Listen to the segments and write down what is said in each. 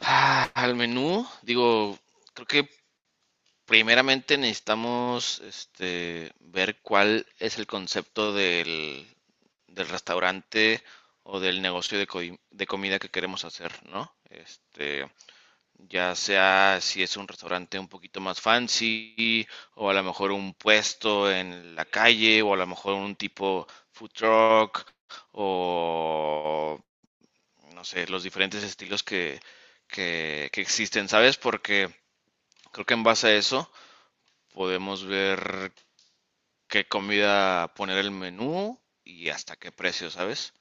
Ah, al menú, digo, creo que primeramente necesitamos ver cuál es el concepto del restaurante o del negocio de, de comida que queremos hacer, ¿no? Ya sea si es un restaurante un poquito más fancy o a lo mejor un puesto en la calle o a lo mejor un tipo food truck o no sé, los diferentes estilos que existen, ¿sabes? Porque creo que en base a eso podemos ver qué comida poner el menú y hasta qué precio, ¿sabes?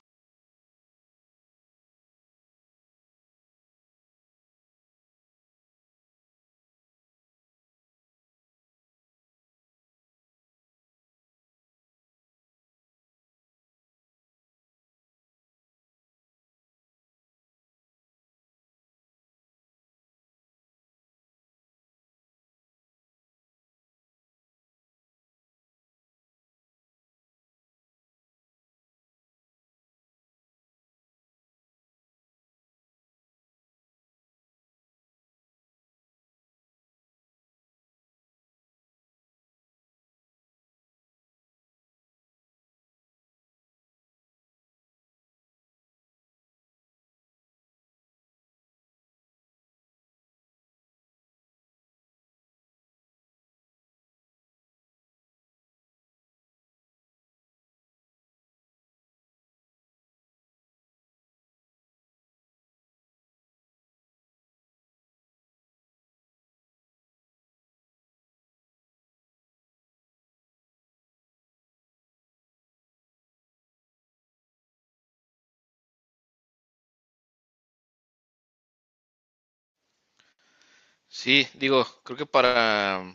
Sí, digo, creo que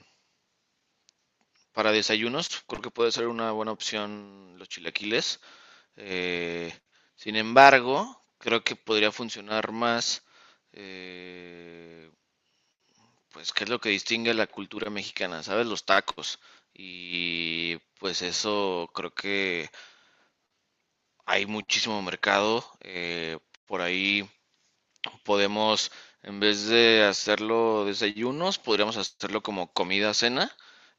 para desayunos, creo que puede ser una buena opción los chilaquiles. Eh, Sin embargo, creo que podría funcionar más eh, pues, ¿qué es lo que distingue la cultura mexicana? ¿Sabes? Los tacos. Y pues eso creo que hay muchísimo mercado. Por ahí podemos, en vez de hacerlo desayunos, podríamos hacerlo como comida, cena,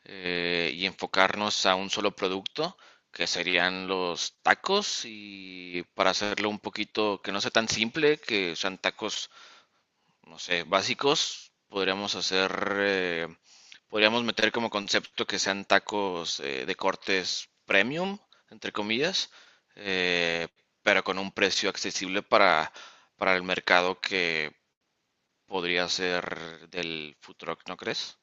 y enfocarnos a un solo producto, que serían los tacos. Y para hacerlo un poquito que no sea tan simple, que sean tacos no sé, básicos, eh, podríamos meter como concepto que sean tacos de cortes premium, entre comillas, eh, pero con un precio accesible para el mercado que podría ser del food truck, ¿no crees?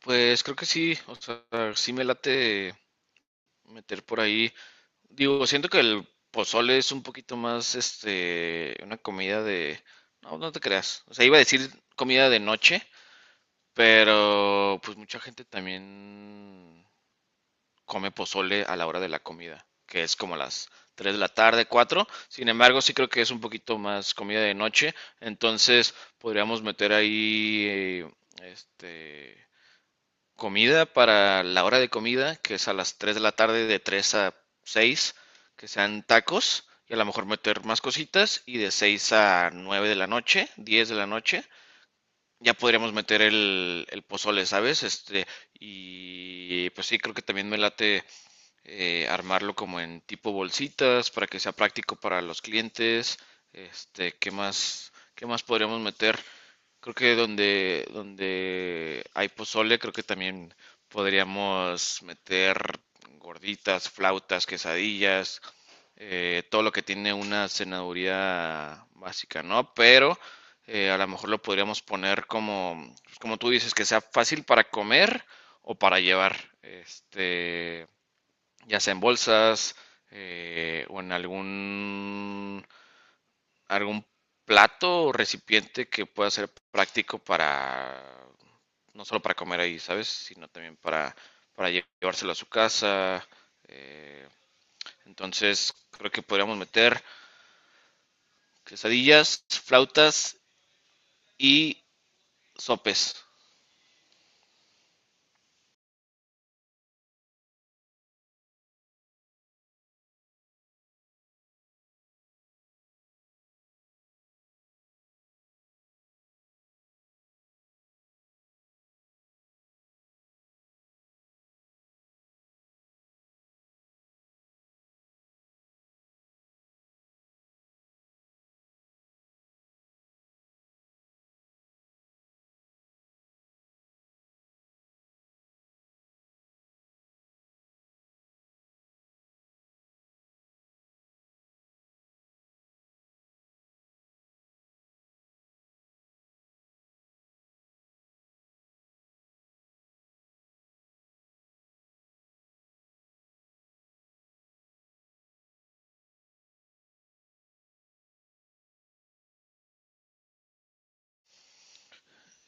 Pues creo que sí, o sea, sí me late meter por ahí. Digo, siento que el pozole es un poquito más, una comida de... No, no te creas. O sea, iba a decir comida de noche, pero pues mucha gente también come pozole a la hora de la comida, que es como las 3 de la tarde, cuatro. Sin embargo, sí creo que es un poquito más comida de noche, entonces podríamos meter ahí este comida para la hora de comida, que es a las 3 de la tarde, de 3 a 6 que sean tacos y a lo mejor meter más cositas, y de 6 a 9 de la noche, 10 de la noche ya podríamos meter el pozole, ¿sabes? Y pues sí, creo que también me late armarlo como en tipo bolsitas para que sea práctico para los clientes. Este, qué más podríamos meter? Creo que donde hay pozole, creo que también podríamos meter gorditas, flautas, quesadillas, todo lo que tiene una cenaduría básica, ¿no? Pero a lo mejor lo podríamos poner como, pues, como tú dices, que sea fácil para comer o para llevar. Este, ya sea en bolsas o en algún plato o recipiente que pueda ser práctico no solo para comer ahí, ¿sabes? Sino también para llevárselo a su casa. eh, entonces, creo que podríamos meter quesadillas, flautas y sopes.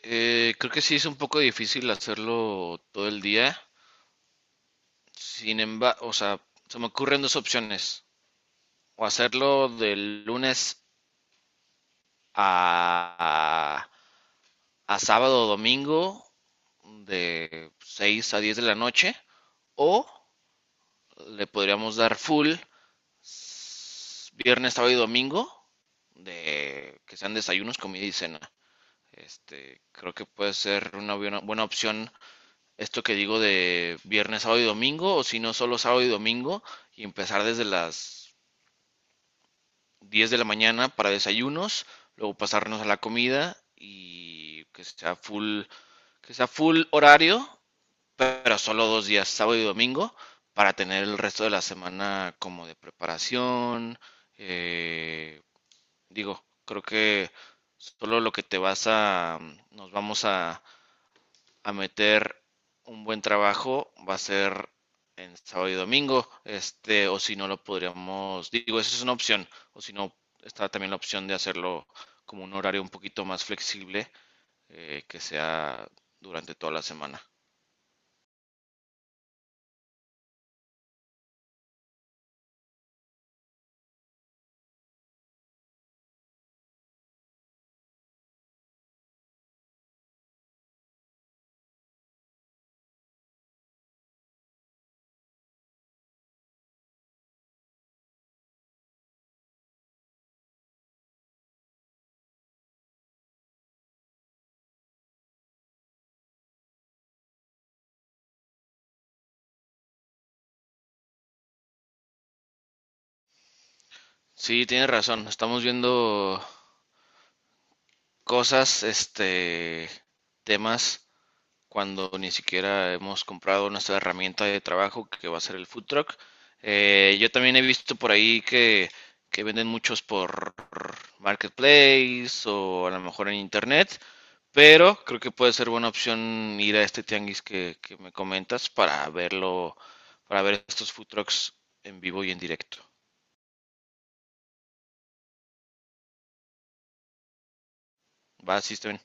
Creo que sí es un poco difícil hacerlo todo el día. Sin embargo, o sea, se me ocurren dos opciones. O hacerlo del lunes a, a sábado o domingo de 6 a 10 de la noche, o le podríamos dar full viernes, sábado y domingo, de que sean desayunos, comida y cena. Este, creo que puede ser una buena opción esto que digo de viernes, sábado y domingo, o si no solo sábado y domingo, y empezar desde las 10 de la mañana para desayunos, luego pasarnos a la comida y que sea full horario, pero solo dos días, sábado y domingo, para tener el resto de la semana como de preparación. eh, Digo, creo que solo lo que te vas a, nos vamos a meter un buen trabajo va a ser en sábado y domingo, este, o si no lo podríamos, digo, esa es una opción, o si no, está también la opción de hacerlo como un horario un poquito más flexible, que sea durante toda la semana. Sí, tienes razón, estamos viendo cosas, temas, cuando ni siquiera hemos comprado nuestra herramienta de trabajo que va a ser el food truck. Yo también he visto por ahí que venden muchos por marketplace o a lo mejor en internet, pero creo que puede ser buena opción ir a este tianguis que me comentas para verlo, para ver estos food trucks en vivo y en directo. ¿Va, System